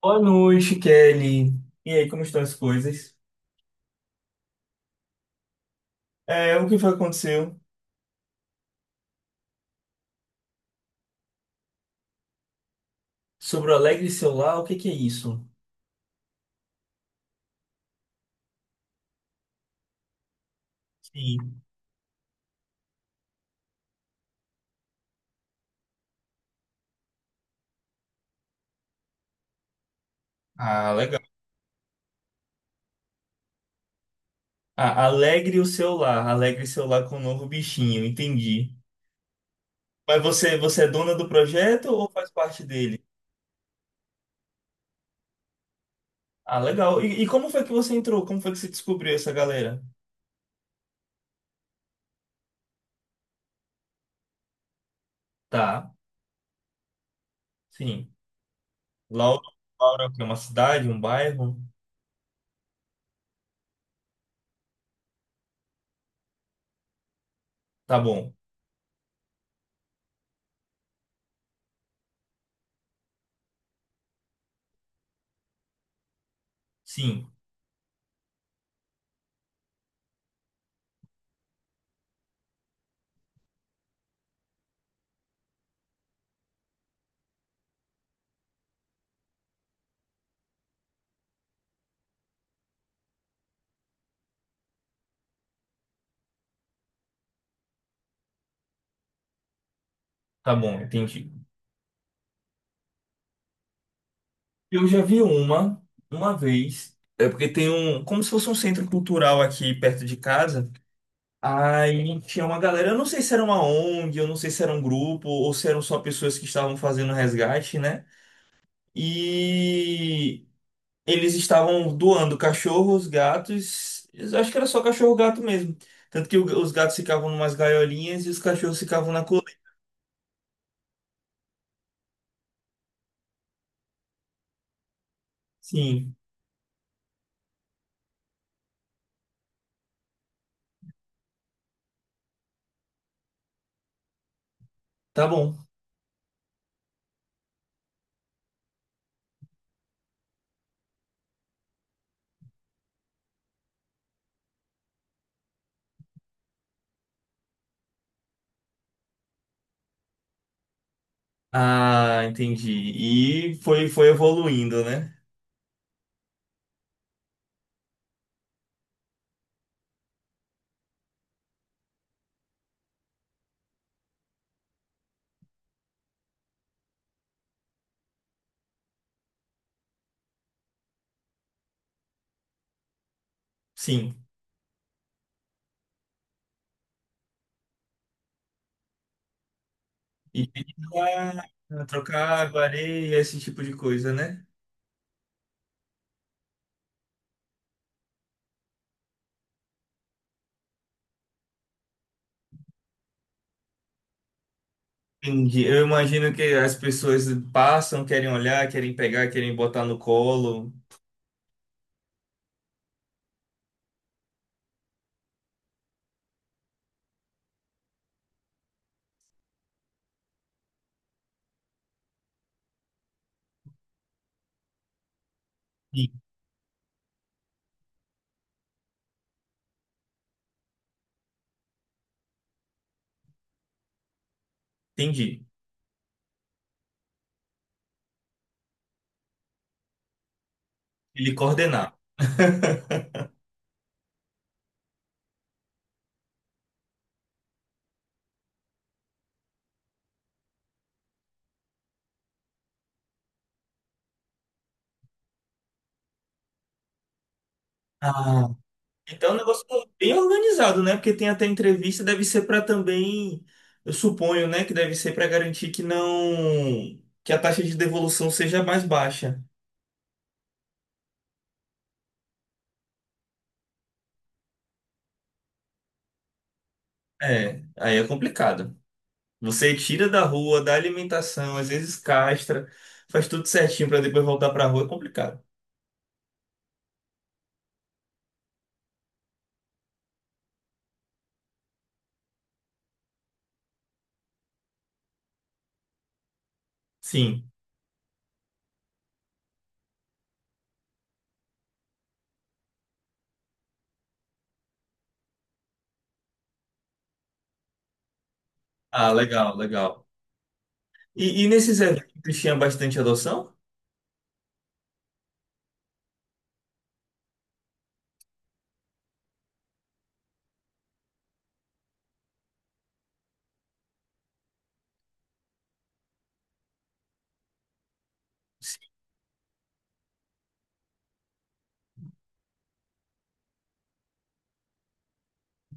Boa noite, Kelly. E aí, como estão as coisas? É, o que foi que aconteceu? Sobre o Alegre Celular, o que que é isso? Sim. Ah, legal. Ah, Alegre o Celular, Alegre Celular com o novo bichinho, entendi. Mas você é dona do projeto ou faz parte dele? Ah, legal. E como foi que você entrou? Como foi que você descobriu essa galera? Tá, sim. Laura, Laura, que é uma cidade, um bairro? Tá bom. Sim, tá bom, entendi. Eu já vi uma vez. É porque tem um, como se fosse um centro cultural aqui perto de casa. Aí tinha uma galera, eu não sei se era uma ONG, eu não sei se era um grupo, ou se eram só pessoas que estavam fazendo resgate, né? E eles estavam doando cachorros, gatos, eu acho que era só cachorro, gato mesmo. Tanto que os gatos ficavam numas gaiolinhas e os cachorros ficavam na coleira. Sim, tá bom. Ah, entendi. E foi evoluindo, né? Sim. E limpar, trocar água, areia, esse tipo de coisa, né? Entendi. Eu imagino que as pessoas passam, querem olhar, querem pegar, querem botar no colo. Sim. Entendi. Ele coordenar. Ah. Então, é um negócio bem organizado, né? Porque tem até entrevista, deve ser para também, eu suponho, né, que deve ser para garantir que não, que a taxa de devolução seja mais baixa. É, aí é complicado. Você tira da rua, dá alimentação, às vezes castra, faz tudo certinho para depois voltar para a rua, é complicado. Sim. Ah, legal, legal. E nesses eventos tinha bastante adoção? Sim.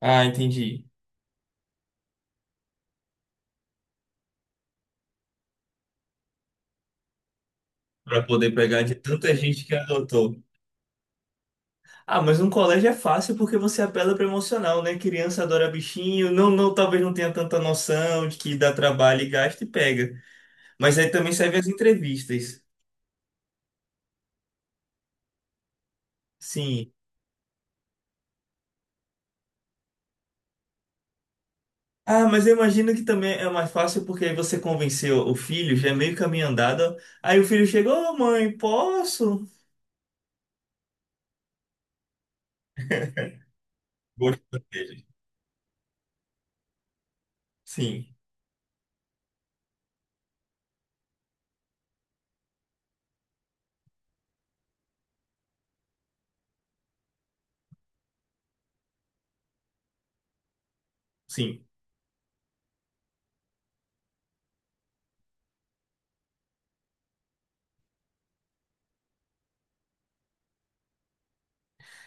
Ah, entendi. Para poder pegar de tanta gente que adotou. Ah, mas um colégio é fácil porque você apela para emocional, né? Criança adora bichinho, não, não, talvez não tenha tanta noção de que dá trabalho e gasta e pega. Mas aí também serve as entrevistas. Sim. Ah, mas eu imagino que também é mais fácil porque aí você convenceu o filho, já é meio caminho andado. Aí o filho chegou, ô mãe, posso? Gosto dele. Sim, sim.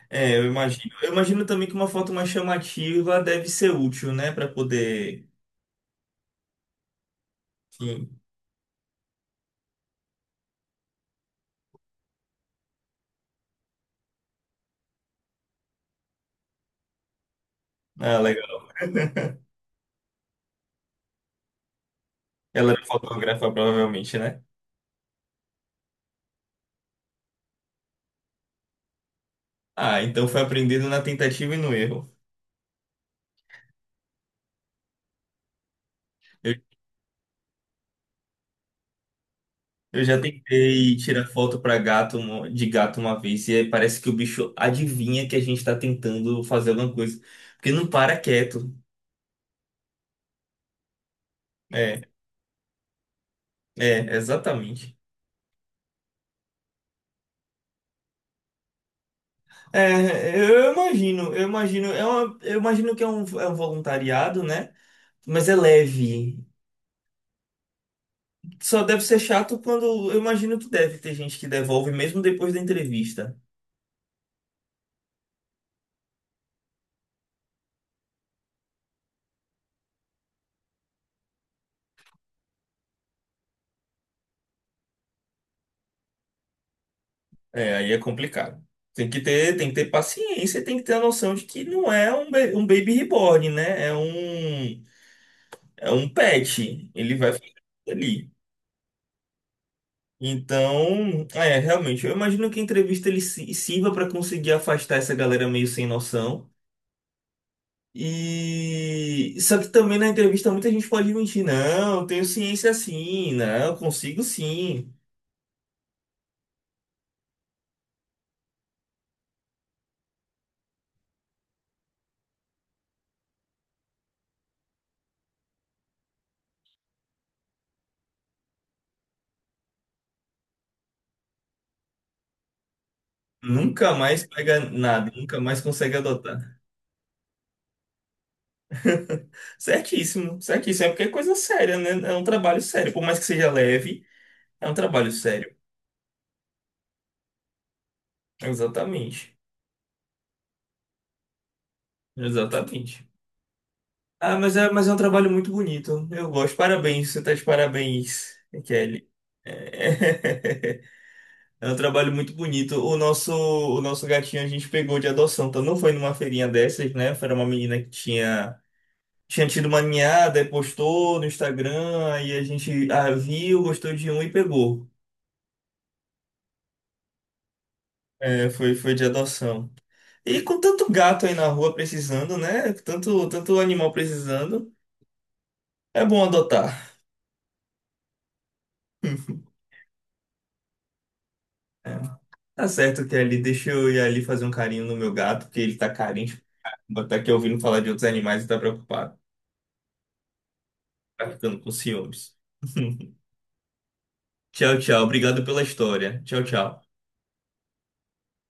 É, eu imagino. Eu imagino também que uma foto mais chamativa deve ser útil, né? Pra poder. Sim. Ah, legal. Ela era fotógrafa, provavelmente, né? Ah, então foi aprendido na tentativa e no erro. Eu Eu já tentei tirar foto pra gato de gato uma vez e aí parece que o bicho adivinha que a gente tá tentando fazer alguma coisa, porque não para quieto. É, é, exatamente. É, eu imagino, eu imagino que é um voluntariado, né? Mas é leve. Só deve ser chato quando eu imagino que deve ter gente que devolve mesmo depois da entrevista. É, aí é complicado. Tem que ter paciência, e tem que ter a noção de que não é um baby reborn, né? É um pet, ele vai fazer aquilo ali. Então, é, realmente, eu imagino que a entrevista ele sirva para conseguir afastar essa galera meio sem noção. E só que também na entrevista muita gente pode mentir, não, eu tenho ciência sim, não, eu consigo sim. Nunca mais pega nada, nunca mais consegue adotar. Certíssimo, certíssimo. É porque é coisa séria, né? É um trabalho sério. Por mais que seja leve, é um trabalho sério. Exatamente. Exatamente. Ah, mas é, um trabalho muito bonito. Eu gosto. Parabéns, você tá de parabéns, Kelly. É é um trabalho muito bonito. O nosso gatinho a gente pegou de adoção, então não foi numa feirinha dessas, né? Foi uma menina que tinha tido uma ninhada e postou no Instagram, e a gente viu, gostou de um e pegou. É, foi de adoção. E com tanto gato aí na rua precisando, né? Tanto, tanto animal precisando, é bom adotar. Tá certo, que ali deixa eu ir ali fazer um carinho no meu gato, porque ele tá carente. Tá aqui ouvindo falar de outros animais e tá preocupado. Tá ficando com ciúmes. Tchau, tchau. Obrigado pela história. Tchau, tchau.